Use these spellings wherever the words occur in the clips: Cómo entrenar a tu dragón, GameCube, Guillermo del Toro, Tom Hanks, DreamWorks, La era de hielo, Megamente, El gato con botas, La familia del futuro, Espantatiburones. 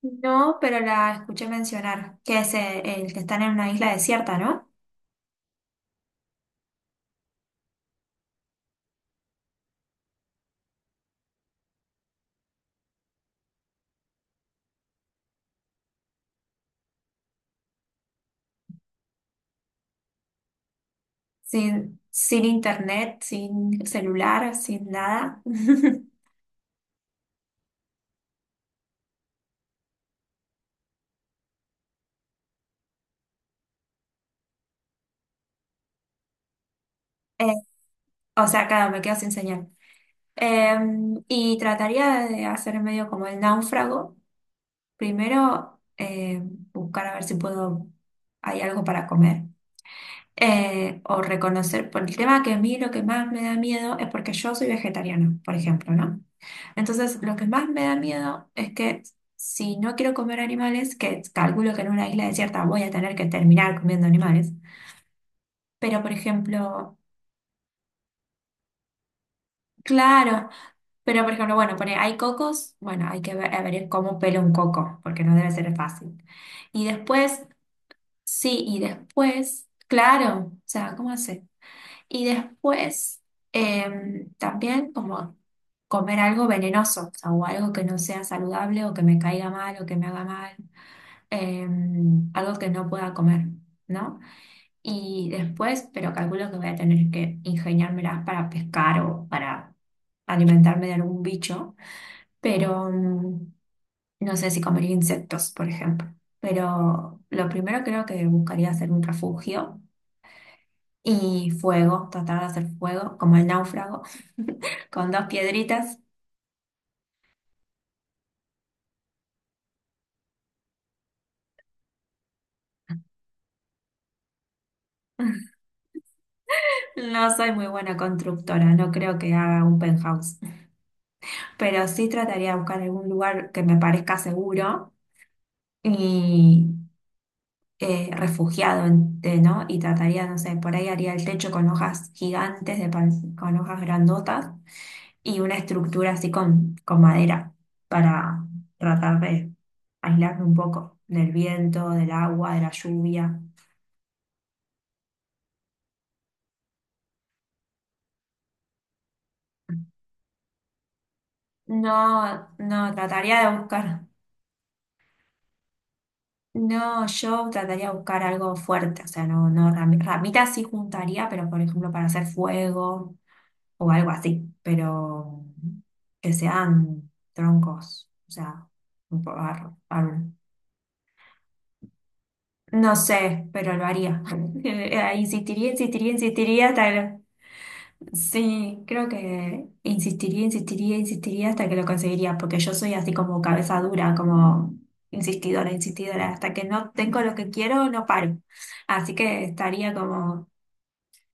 No, pero la escuché mencionar, que es que están en una isla desierta, ¿no? Sin internet, sin celular, sin nada. Eh, o sea, claro, me quedo sin señal. Eh, y trataría de hacer medio como el náufrago. Primero, buscar a ver si puedo, hay algo para comer. O reconocer, por el tema que a mí lo que más me da miedo es porque yo soy vegetariana, por ejemplo, ¿no? Entonces, lo que más me da miedo es que si no quiero comer animales, que calculo que en una isla desierta voy a tener que terminar comiendo animales, pero por ejemplo, claro, pero por ejemplo, bueno, pone, hay cocos, bueno, hay que ver, a ver cómo pelo un coco, porque no debe ser fácil. Y después, sí, y después, claro, o sea, ¿cómo hace? Y después, también como comer algo venenoso, o sea, o algo que no sea saludable o que me caiga mal o que me haga mal. Algo que no pueda comer, ¿no? Y después, pero calculo que voy a tener que ingeniármelas para pescar o para alimentarme de algún bicho, pero no sé si comería insectos, por ejemplo. Pero lo primero creo que buscaría hacer un refugio y fuego, tratar de hacer fuego, como el náufrago, con dos piedritas. No soy muy buena constructora, no creo que haga un penthouse, pero sí trataría de buscar algún lugar que me parezca seguro y ¿no? Y trataría, no sé, por ahí haría el techo con hojas gigantes, con hojas grandotas y una estructura así con madera para tratar de aislarme un poco del viento, del agua, de la lluvia. No, trataría de buscar. No, yo trataría de buscar algo fuerte, o sea, no, no, rami- ramitas sí juntaría, pero por ejemplo para hacer fuego o algo así, pero que sean troncos, o sea, un po- ar- ar- no sé, pero lo haría. Insistiría, insistiría hasta que... Sí, creo que insistiría, insistiría hasta que lo conseguiría, porque yo soy así como cabeza dura, como insistidora, insistidora, hasta que no tengo lo que quiero, no paro. Así que estaría como...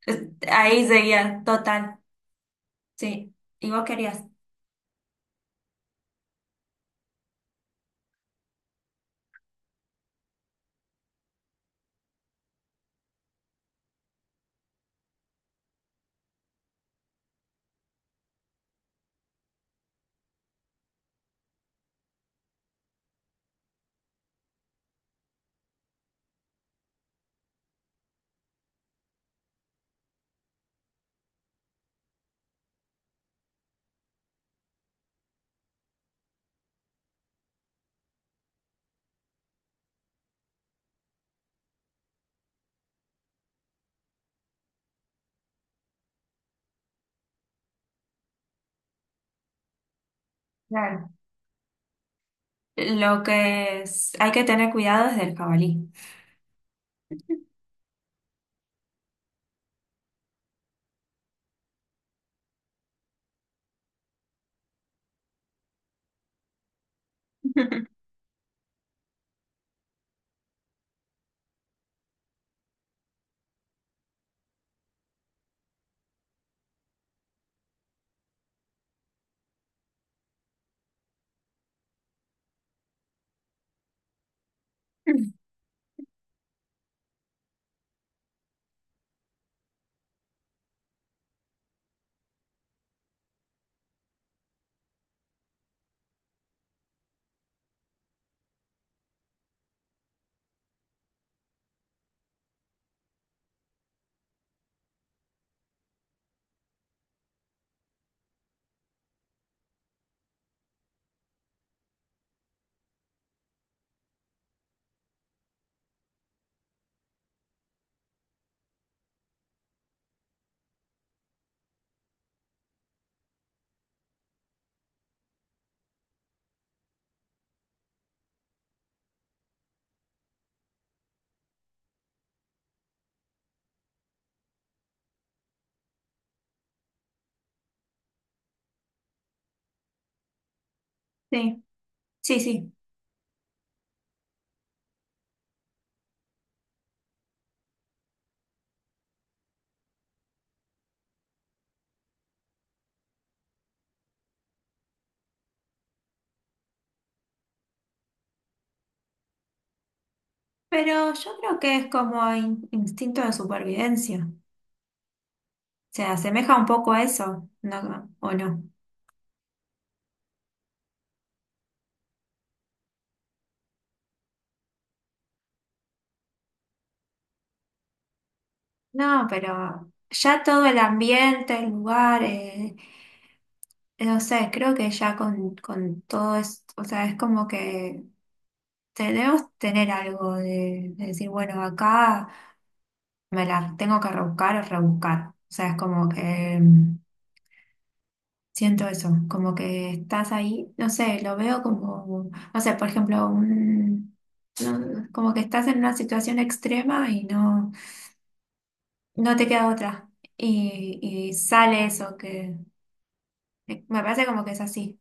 Ahí seguía, total, sí. ¿Y vos querías? Lo que es, hay que tener cuidado es del jabalí. Sí, sí, sí. Pero yo creo que es como instinto de supervivencia. Se asemeja un poco a eso, ¿no? ¿O no? No, pero ya todo el ambiente, el lugar, no sé, creo que ya con todo esto, o sea, es como que debemos tener algo de decir, bueno, acá me la tengo que rebuscar o rebuscar. O sea, es como que... Siento eso, como que estás ahí, no sé, lo veo como, no sé, por ejemplo, un, no, como que estás en una situación extrema y no te queda otra. Y, y sale eso, que me parece como que es así.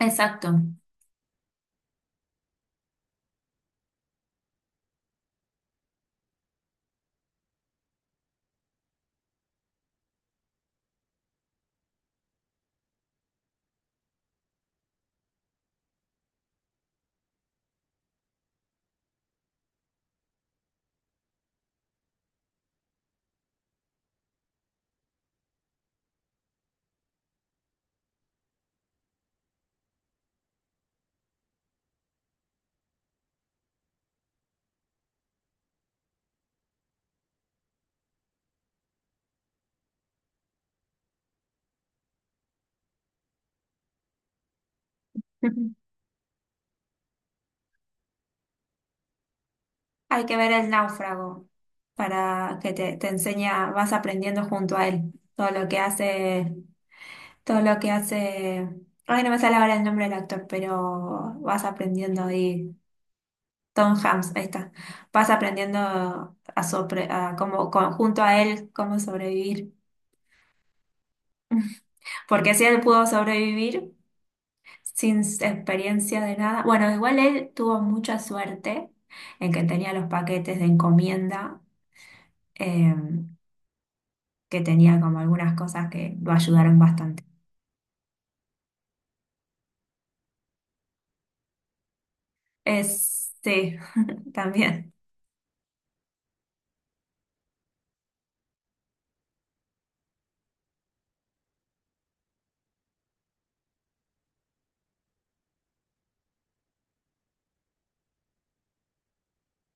Exacto. Ujú. Hay que ver el náufrago para que te enseña, vas aprendiendo junto a él todo lo que hace, todo lo que hace, ay, no me sale ahora el nombre del actor, pero vas aprendiendo ahí Tom Hanks, ahí está. Vas aprendiendo a, sobre, a cómo, con- junto a él cómo sobrevivir. Porque si él pudo sobrevivir sin experiencia de nada, bueno, igual él tuvo mucha suerte en que tenía los paquetes de encomienda, eh, que tenía como algunas cosas que lo ayudaron bastante. Sí, también.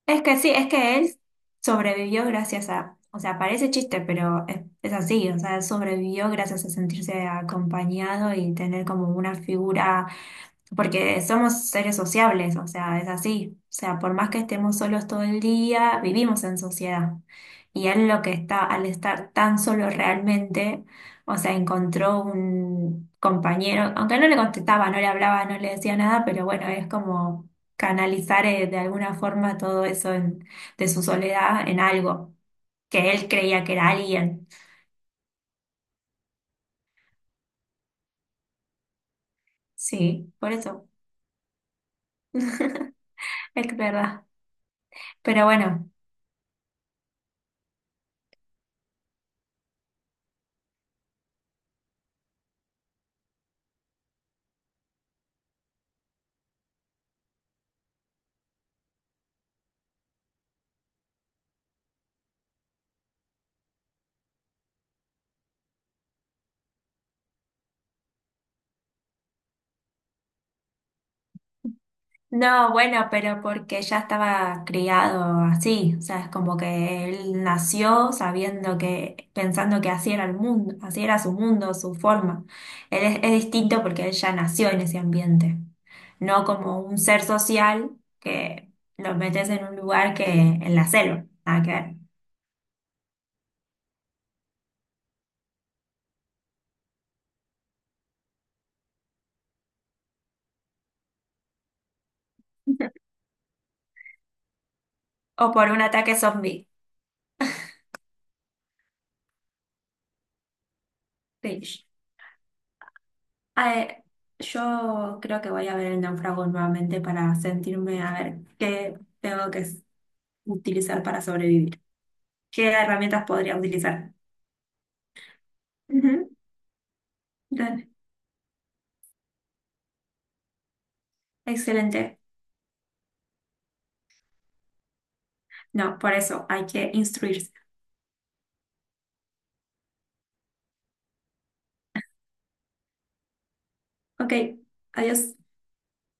Es que sí, es que él sobrevivió gracias a, o sea, parece chiste, pero es así, o sea, él sobrevivió gracias a sentirse acompañado y tener como una figura porque somos seres sociables, o sea, es así. O sea, por más que estemos solos todo el día, vivimos en sociedad. Y él lo que está, al estar tan solo realmente, o sea, encontró un compañero, aunque no le contestaba, no le hablaba, no le decía nada, pero bueno, es como canalizar de alguna forma todo eso de su soledad en algo que él creía que era alguien. Sí, por eso. Es verdad. Pero bueno. No, bueno, pero porque ya estaba criado así, o sea, es como que él nació sabiendo que, pensando que así era el mundo, así era su mundo, su forma. Es distinto porque él ya nació en ese ambiente, no como un ser social que lo metes en un lugar que en la selva, nada que ver. O por un ataque zombie. Cringe. Eh, yo creo que voy a ver el náufrago nuevamente para sentirme a ver qué tengo que utilizar para sobrevivir. ¿Qué herramientas podría utilizar? Ujú, dale, excelente. No, por eso hay que instruirse. Ok, adiós.